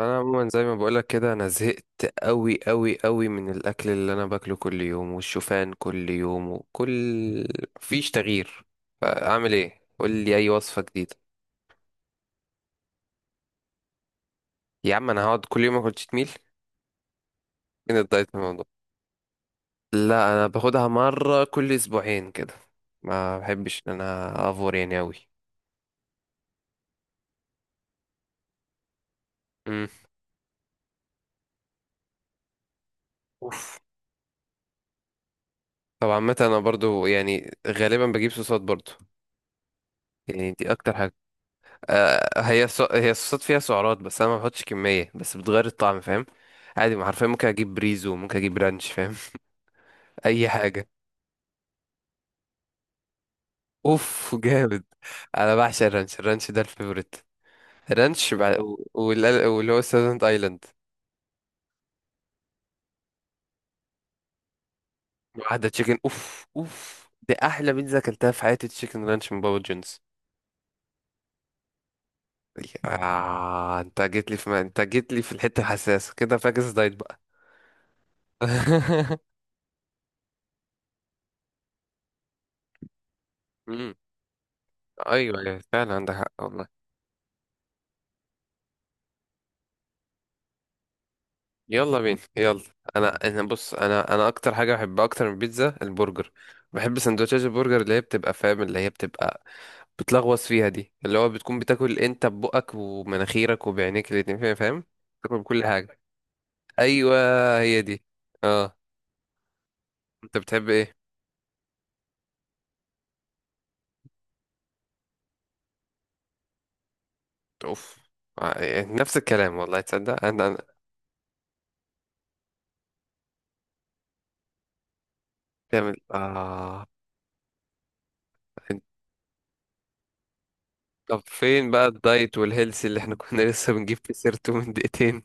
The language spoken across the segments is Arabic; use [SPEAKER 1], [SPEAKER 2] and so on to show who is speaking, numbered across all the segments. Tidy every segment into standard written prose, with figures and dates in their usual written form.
[SPEAKER 1] انا عموما زي ما بقولك كده، انا زهقت قوي قوي قوي من الاكل اللي انا باكله كل يوم، والشوفان كل يوم، مفيش تغيير. فاعمل ايه؟ قول لي اي وصفه جديده. يا عم انا هقعد كل يوم اكل تشيت ميل؟ فين الدايت من الموضوع؟ لا، انا باخدها مره كل اسبوعين كده. ما بحبش ان انا افور يعني قوي. امم اوف. طبعا متى انا برضو يعني غالبا بجيب صوصات برضو. يعني دي اكتر حاجه. هي الصوصات فيها سعرات، بس انا ما بحطش كميه، بس بتغير الطعم، فاهم؟ عادي، ما حرفيا ممكن اجيب بريزو، ممكن اجيب رانش، فاهم؟ اي حاجه. اوف جامد. انا بعشق الرانش. الرانش ده الفيفوريت. رانش بع... و- وال- واللي هو ساذرند ايلاند. واحده تشيكن. اوف اوف، دي احلى بيتزا اكلتها في حياتي، تشيكن رانش من بابا جونز. آه، انت جيت لي في ما... انت جيت لي في الحته الحساسه كده، فاكس دايت بقى. مم. ايوه، فعلا عندك حق والله. يلا بينا يلا. انا بص، انا اكتر حاجه بحبها اكتر من البيتزا، البرجر. بحب سندوتشات البرجر اللي هي بتبقى بتلغوص فيها دي، اللي هو بتكون بتاكل انت ببقك ومناخيرك وبعينيك الاتنين، فاهم؟ بتاكل بكل حاجه. ايوه. هي دي. اه. انت بتحب ايه؟ اوف. يعني نفس الكلام، والله تصدق تعمل اه. أنت- طب فين بقى الدايت والهيلث اللي احنا كنا لسه بنجيب في سيرته من دقيقتين؟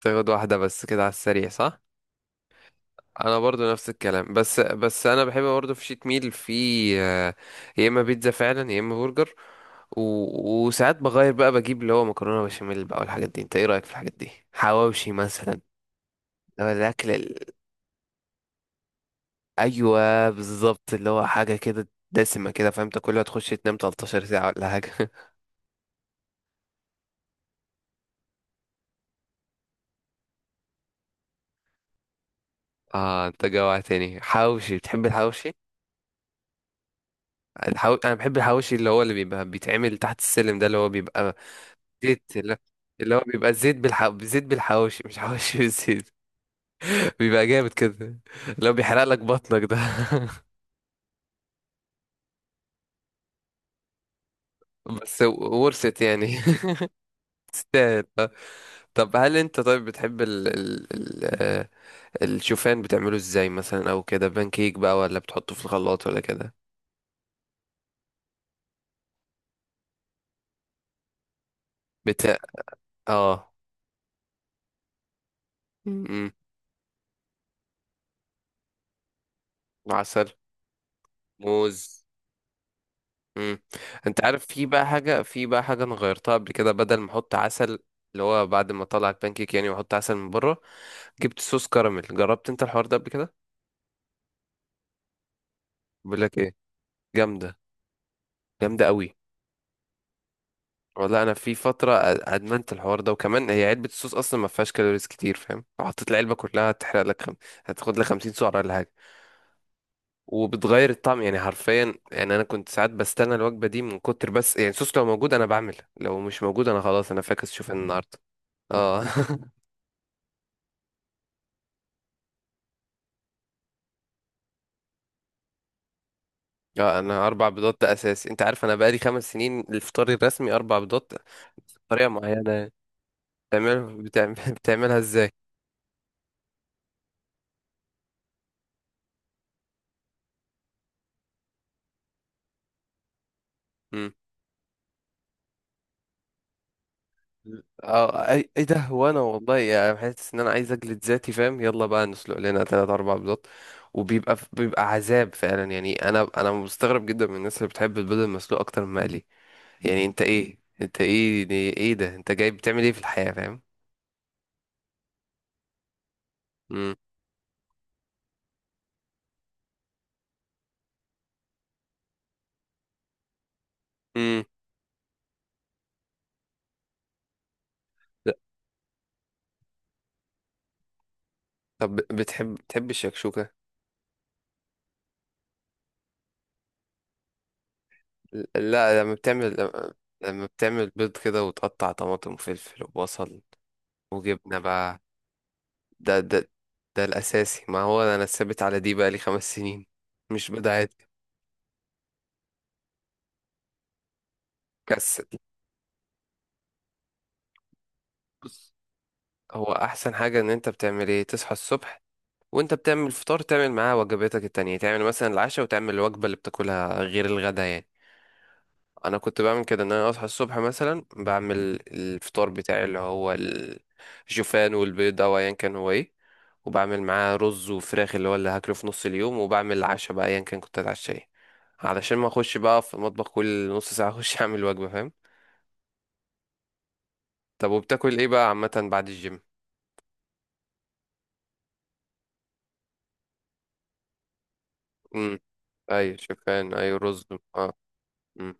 [SPEAKER 1] تاخد واحده بس كده على السريع، صح؟ انا برضو نفس الكلام، بس انا بحب برضو في شيت ميل في، آه، يا اما بيتزا فعلا، يا اما برجر. وساعات بغير بقى، بجيب اللي هو مكرونه بشاميل بقى والحاجات دي. انت ايه رايك في الحاجات دي، حواوشي مثلا؟ اللي هو الاكل ال- ايوه بالظبط، اللي هو حاجه كده دسمه كده، فاهم؟ تاكلها تخش تنام 13 ساعه ولا حاجه. اه، انت جوعتني حواوشي. بتحب الحواوشي؟ انا بحب الحواوشي اللي هو اللي بيبقى بيتعمل تحت السلم ده، اللي هو بيبقى زيت. اللي هو بيبقى زيت زيت بالحواوشي، مش حواوشي بالزيت. بيبقى جامد كده، اللي هو بيحرق لك بطنك ده. بس ورثت يعني. تستاهل آه. طب هل انت، طيب، بتحب ال... ال... ال... آه، الشوفان بتعمله ازاي مثلا؟ او كده بانكيك بقى، ولا بتحطه في الخلاط، ولا كده؟ بت... اه. امم. عسل. موز. امم. انت عارف، في بقى حاجة انا غيرتها قبل كده، بدل ما احط عسل، اللي هو بعد ما اطلع البانكيك يعني واحط عسل من بره، جبت صوص كراميل. جربت انت الحوار ده قبل كده؟ بقول لك ايه، جامده، جامده قوي. والله انا في فتره ادمنت الحوار ده، وكمان هي علبه الصوص اصلا ما فيهاش كالوريز كتير، فاهم؟ لو حطيت العلبه كلها هتحرق لك هتاخد لك 50 سعره ولا حاجه. وبتغير الطعم يعني حرفيا. يعني انا كنت ساعات بستنى الوجبه دي من كتر بس، يعني الصوص لو موجود انا بعمل، لو مش موجود انا خلاص، انا فاكس شوف النهارده. اه اه، انا اربع بيضات ده اساسي. انت عارف انا بقالي خمس سنين الفطار الرسمي اربع بيضات، بطريقه معينه يعني. بتعملها ازاي؟ مم. اه اي ايه ده هو انا والله يعني حاسس ان انا عايز اجلد ذاتي، فاهم؟ يلا بقى نسلق لنا تلات اربع بيضات، وبيبقى عذاب فعلا يعني. انا مستغرب جدا من الناس اللي بتحب البيض المسلوق اكتر من المقلي. يعني انت ايه؟ ايه ده؟ انت جاي بتعمل ايه في الحياة، فاهم؟ مم. مم. لا. طب بتحب الشكشوكة؟ لا، لما بتعمل بيض كده، وتقطع طماطم وفلفل وبصل وجبنة بقى، ده ده ده الأساسي. ما هو أنا ثابت على دي بقالي خمس سنين، مش بدعات. كسل. بص، هو أحسن حاجة إن أنت بتعمل إيه، تصحى الصبح وأنت بتعمل الفطار، تعمل معاه وجباتك التانية، تعمل مثلا العشاء وتعمل الوجبة اللي بتاكلها غير الغدا يعني. أنا كنت بعمل كده، إن أنا أصحى الصبح مثلا بعمل الفطار بتاعي اللي هو الشوفان والبيض أو أيا كان هو إيه، وبعمل معاه رز وفراخ اللي هو اللي هاكله في نص اليوم، وبعمل العشاء بقى ايا كان كنت هتعشى ايه، علشان ما اخش بقى في المطبخ كل نص ساعة اخش اعمل وجبة، فاهم؟ طب وبتاكل ايه بقى عامة بعد الجيم؟ امم. ايوه شوفان، ايوه رز. اه. امم.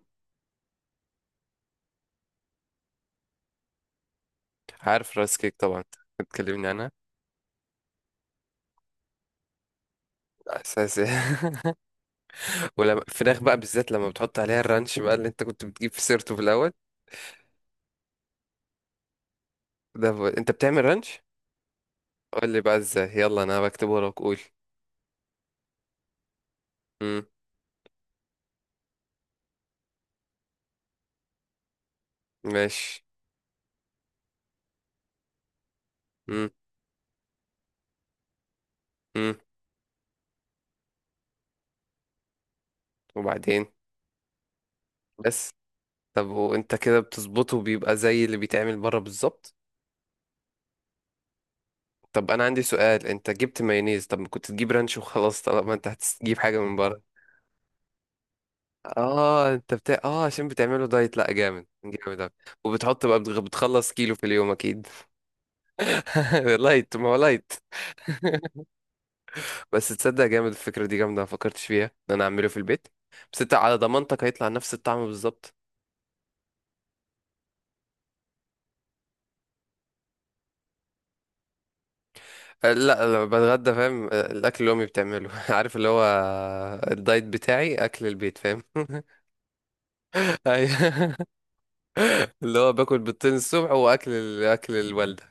[SPEAKER 1] عارف رايس كيك طبعا. بتكلمني عنها. اساسي. ولما فراخ بقى بالذات، لما بتحط عليها الرانش بقى اللي انت كنت بتجيب في سيرته في الاول. انت بتعمل رانش؟ قول لي بقى ازاي، يلا انا بكتب وراك، قول. امم. ماشي. امم. امم. وبعدين؟ بس. طب وانت كده بتظبطه بيبقى زي اللي بيتعمل بره بالظبط؟ طب انا عندي سؤال، انت جبت مايونيز، طب ما كنت تجيب رانش وخلاص، طالما انت هتجيب حاجه من بره؟ اه، انت بتاع اه، عشان بتعمله دايت، لا جامد، جامد أوي. وبتحط بقى، بتخلص كيلو في اليوم اكيد. لايت، ما هو لايت. بس تصدق جامد، الفكره دي جامده، ما فكرتش فيها ان انا اعمله في البيت. بس انت على ضمانتك هيطلع نفس الطعم بالظبط؟ لا، لما بتغدى، فاهم، الاكل اللي امي بتعمله عارف اللي هو، الدايت بتاعي اكل البيت، فاهم؟ ايوه. اللي هو باكل بيضتين الصبح، واكل اكل الوالده.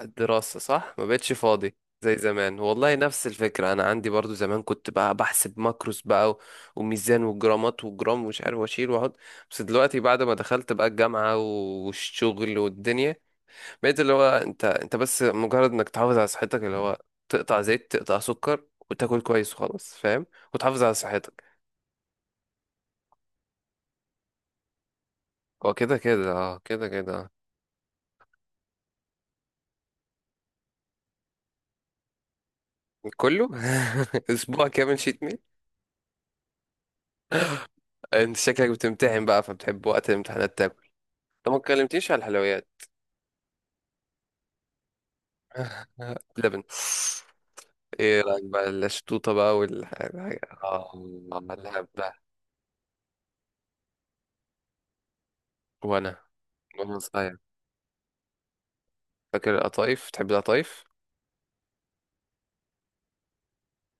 [SPEAKER 1] الدراسه، صح، ما بقتش فاضي زي زمان والله، نفس الفكره. انا عندي برضو زمان كنت بقى بحسب ماكروس بقى وميزان وجرامات وجرام ومش عارف، واشيل واحط. بس دلوقتي بعد ما دخلت بقى الجامعه والشغل والدنيا، بقيت اللي هو، انت بس، مجرد انك تحافظ على صحتك، اللي هو تقطع زيت، تقطع سكر، وتاكل كويس وخلاص، فاهم؟ وتحافظ على صحتك. هو كده كده اه، كده كده آه. كله. اسبوع كامل شيت. انت شكلك بتمتحن بقى، فبتحب وقت الامتحانات تاكل. طب ما اتكلمتيش على الحلويات؟ لبن. ايه رايك بقى الشطوطه بقى والحاجه اه، اللعب ده. وانا. وانا صغير، فاكر القطايف؟ تحب القطايف؟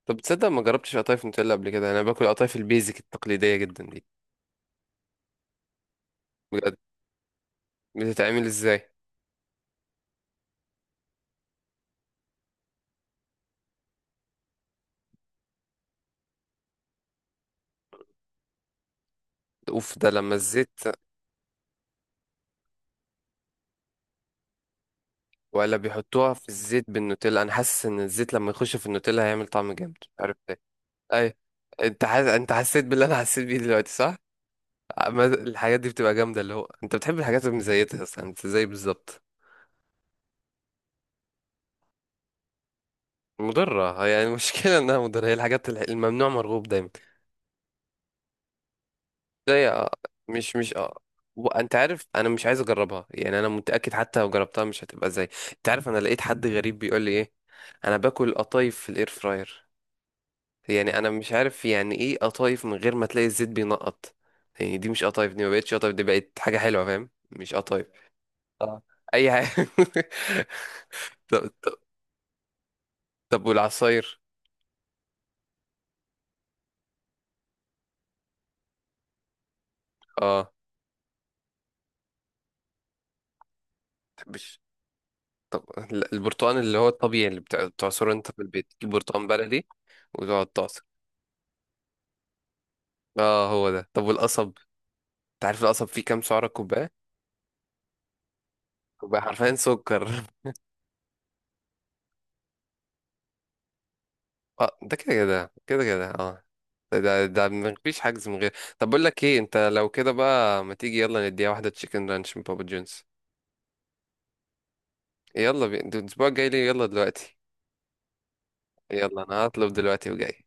[SPEAKER 1] طب تصدق ما جربتش قطايف نوتيلا قبل كده، انا باكل قطايف البيزك التقليديه جدا دي. بجد؟ بتتعمل ازاي؟ اوف، ده لما الزيت، ولا بيحطوها في الزيت بالنوتيلا؟ انا حاسس ان الزيت لما يخش في النوتيلا هيعمل طعم جامد، مش عارف ليه. اي. انت حسيت باللي انا حسيت بيه دلوقتي، صح؟ الحاجات دي بتبقى جامدة. اللي هو انت بتحب الحاجات اللي مزيتها اصلا، انت زي بالظبط. مضرة هي، يعني المشكلة انها مضرة. هي الحاجات الممنوع مرغوب دايما. زي اه. مش اه. وانت عارف انا مش عايز اجربها، يعني انا متأكد حتى لو جربتها مش هتبقى زي. انت عارف انا لقيت حد غريب بيقول لي ايه؟ انا باكل قطايف في الاير فراير. يعني انا مش عارف يعني، ايه قطايف من غير ما تلاقي الزيت بينقط؟ يعني دي مش قطايف، دي ما بقتش قطايف، دي بقت حاجة حلوة فاهم، مش قطايف. اه، اي حاجة. طب. طب والعصاير؟ اه. متحبش؟ طب. لا، البرتقال اللي هو الطبيعي اللي بتعصره انت في البيت، تجيب برتقال بلدي وتقعد تعصر. اه، هو ده. طب والقصب؟ انت عارف القصب فيه كام سعرة كوباية؟ كوباية حرفيا سكر. اه، ده كده كده كده كده اه. ده مفيش حجز من غير. طب بقول لك ايه، انت لو كده بقى ما تيجي يلا نديها واحدة تشيكن رانش من بابا جونز؟ ده الاسبوع الجاي ليه؟ يلا دلوقتي. يلا انا هطلب دلوقتي وجاي.